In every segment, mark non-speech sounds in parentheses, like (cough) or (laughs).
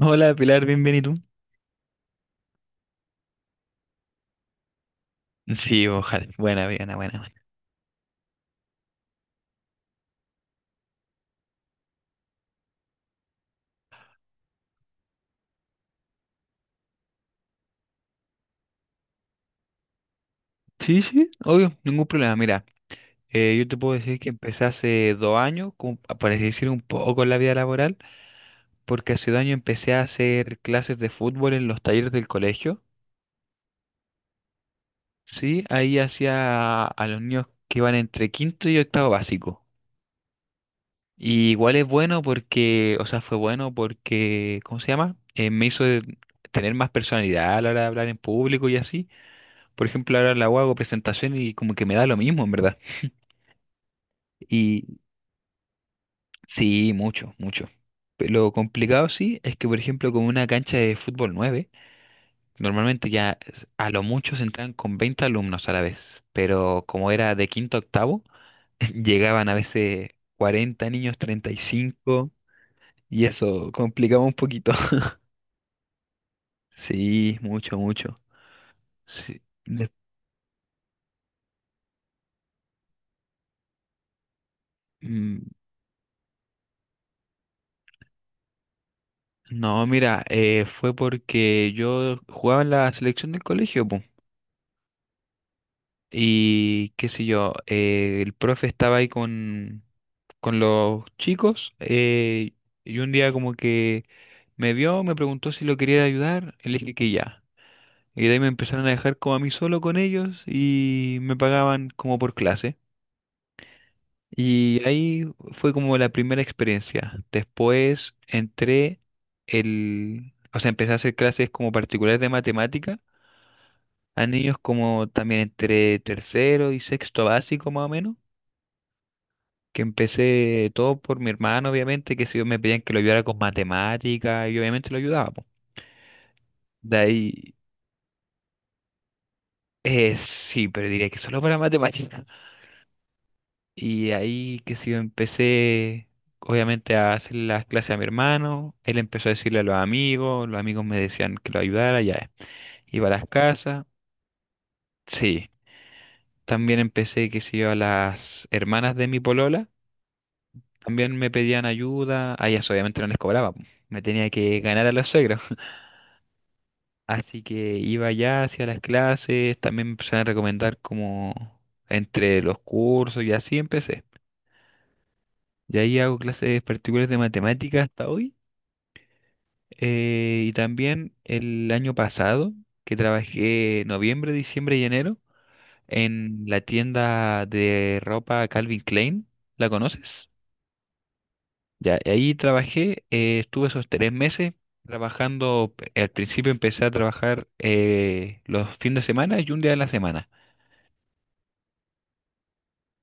Hola Pilar, bien, bien, ¿y tú? Sí, ojalá. Buena, buena, buena, buena. Sí, sí, obvio, ningún problema. Mira, yo te puedo decir que empecé hace dos años, por decir, un poco en la vida laboral, porque hace dos años empecé a hacer clases de fútbol en los talleres del colegio. Sí, ahí hacía a los niños que iban entre quinto y octavo básico. Y igual es bueno porque, o sea, fue bueno porque, ¿cómo se llama? Me hizo tener más personalidad a la hora de hablar en público y así. Por ejemplo, ahora la hago presentación y como que me da lo mismo, en verdad. Y sí, mucho, mucho. Lo complicado sí es que, por ejemplo, con una cancha de fútbol 9 normalmente a lo mucho se entran con 20 alumnos a la vez, pero como era de quinto a octavo, (laughs) llegaban a veces 40 niños, 35, y cinco, y eso complicaba un poquito. (laughs) Sí, mucho, mucho. Sí. Des- mm, No, mira, fue porque yo jugaba en la selección del colegio, po. Y qué sé yo, el profe estaba ahí con los chicos y un día como que me vio, me preguntó si lo quería ayudar, y le dije que ya. Y de ahí me empezaron a dejar como a mí solo con ellos y me pagaban como por clase. Y ahí fue como la primera experiencia. Después o sea, empecé a hacer clases como particulares de matemática a niños como también entre tercero y sexto básico más o menos. Que empecé todo por mi hermano, obviamente, que si yo me pedían que lo ayudara con matemática, y obviamente lo ayudaba, po. De ahí, sí, pero diría que solo para (laughs) matemática. Y ahí que si yo empecé, obviamente, a hacer las clases a mi hermano, él empezó a decirle a los amigos me decían que lo ayudara, ya. Iba a las casas, sí. También empecé, que si yo, a las hermanas de mi polola, también me pedían ayuda, a ellas obviamente no les cobraba, po. Me tenía que ganar a los suegros. Así que iba ya hacia las clases, también me empezaron a recomendar como entre los cursos y así empecé. Y ahí hago clases particulares de matemáticas hasta hoy. Eh, y también el año pasado, que trabajé noviembre, diciembre y enero en la tienda de ropa Calvin Klein. ¿La conoces? Ya, y ahí trabajé, estuve esos tres meses trabajando. Al principio empecé a trabajar los fines de semana y un día de la semana.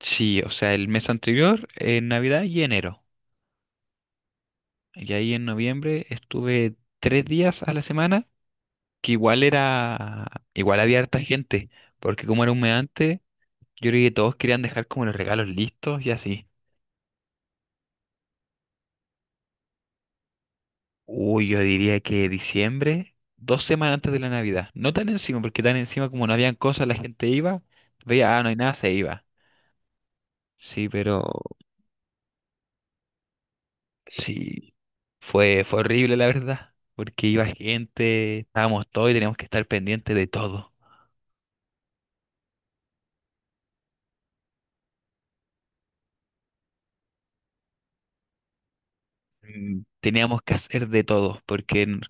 Sí, o sea, el mes anterior, en Navidad y enero. Y ahí en noviembre estuve tres días a la semana, que igual era, igual había harta gente, porque como era un mes antes, yo creo que todos querían dejar como los regalos listos y así. Uy, yo diría que diciembre, dos semanas antes de la Navidad. No tan encima, porque tan encima como no habían cosas, la gente iba, veía, ah, no hay nada, se iba. Sí, pero sí, fue, fue horrible, la verdad, porque iba gente, estábamos todos y teníamos que estar pendientes de todo. Teníamos que hacer de todo,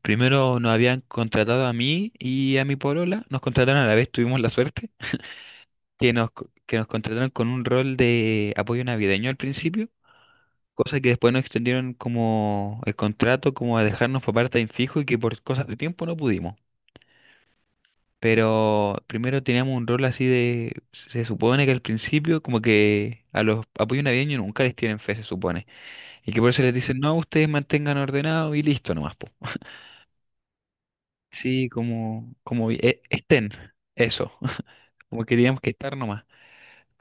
primero nos habían contratado a mí y a mi polola, nos contrataron a la vez, tuvimos la suerte, que nos contrataron con un rol de apoyo navideño al principio, cosa que después nos extendieron como el contrato, como a dejarnos por parte en fijo y que por cosas de tiempo no pudimos. Pero primero teníamos un rol así de, se supone que al principio como que a los apoyos navideños nunca les tienen fe, se supone. Y que por eso les dicen, no, ustedes mantengan ordenado y listo nomás, po. Sí, estén, eso, (laughs) como que teníamos que estar nomás.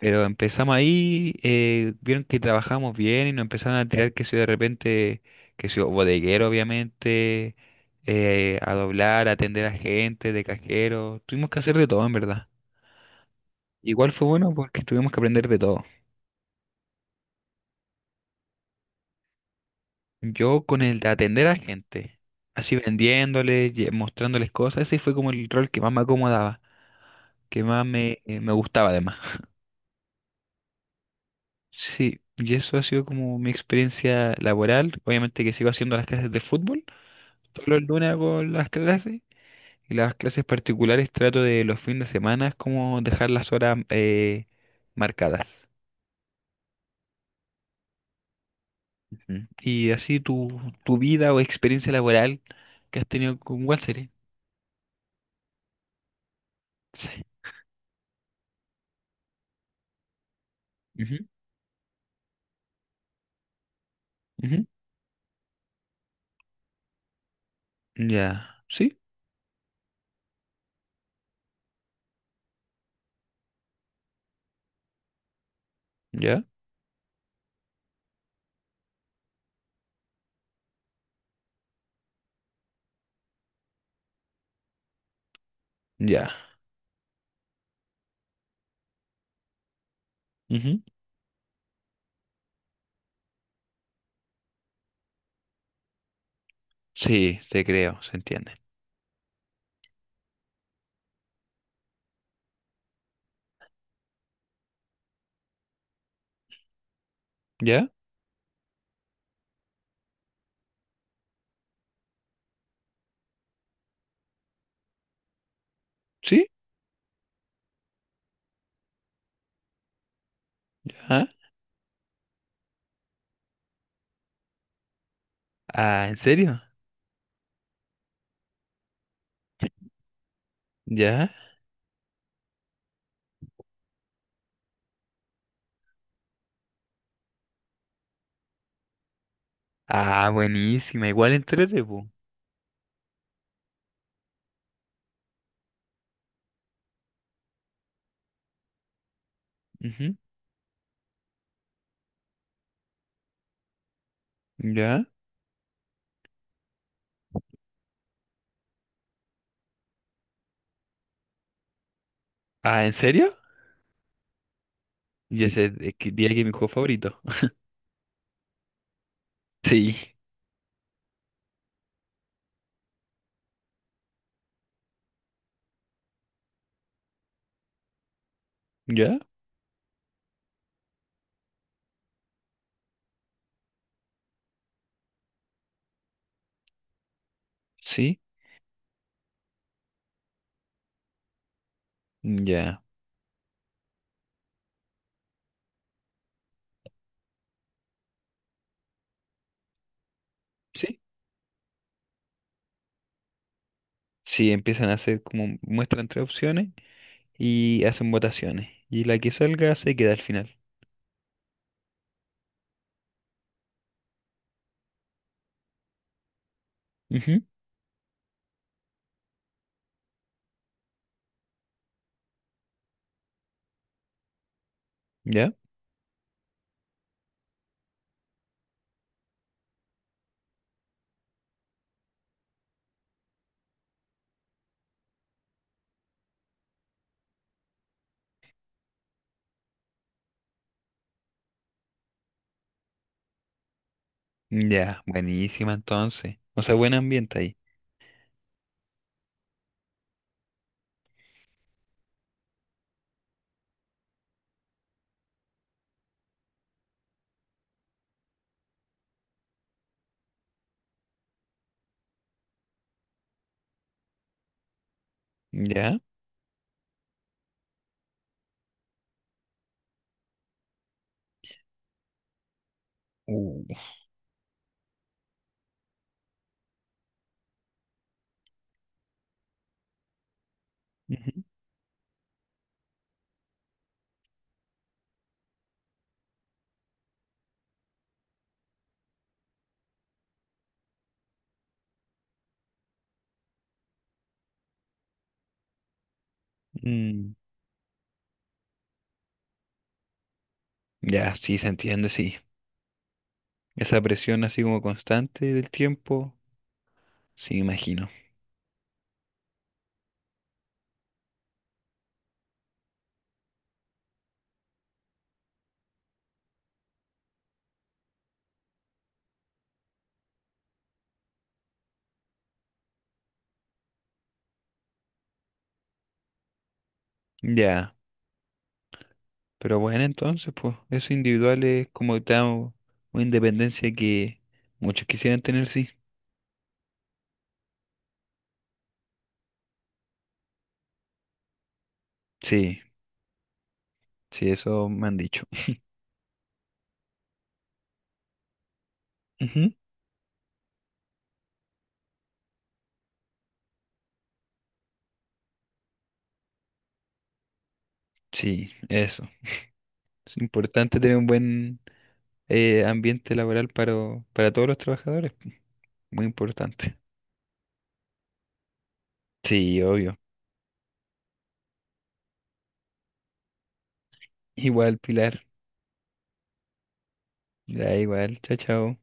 Pero empezamos ahí, vieron que trabajamos bien y nos empezaron a tirar que si de repente, que si bodeguero obviamente, a doblar, a atender a gente, de cajero, tuvimos que hacer de todo en verdad. Igual fue bueno porque tuvimos que aprender de todo. Yo con el de atender a gente, así vendiéndoles, mostrándoles cosas, ese fue como el rol que más me acomodaba, que más me, me gustaba además. Sí, y eso ha sido como mi experiencia laboral. Obviamente que sigo haciendo las clases de fútbol. Todos los lunes hago las clases y las clases particulares trato de los fines de semana como dejar las horas marcadas. Ujú. Y así tu, tu vida o experiencia laboral que has tenido con Walter. Sí. Ujú, ujú. Ya, sí, ya, ya. Ujú. Sí, te creo, se entiende. ¿Ya? ¿Sí? ¿Ya? Ah, ¿en serio? ¿Ya? Ah, buenísima, igual entrete, po. Ujú, ¿ya? Ah, ¿en serio? Ya sé, es que diría que es mi juego favorito. Sí, ¿ya? Sí, ya, sí. Sí, empiezan a hacer como muestran tres opciones y hacen votaciones. Y la que salga se queda al final. Ujú, ¿ya? Ya, buenísima entonces. O sea, buen ambiente ahí. Ya. Uh. Ujú. Mm, Ya, sí, se entiende, sí. Esa presión así como constante del tiempo, sí, me imagino. Ya, pero bueno, entonces, pues, eso individual es como tal una independencia que muchos quisieran tener, sí. Sí, sí, eso me han dicho. Ujú. Sí, eso. Es importante tener un buen ambiente laboral para todos los trabajadores. Pues, muy importante. Sí, obvio. Igual, Pilar. Ya, igual. Chao, chao.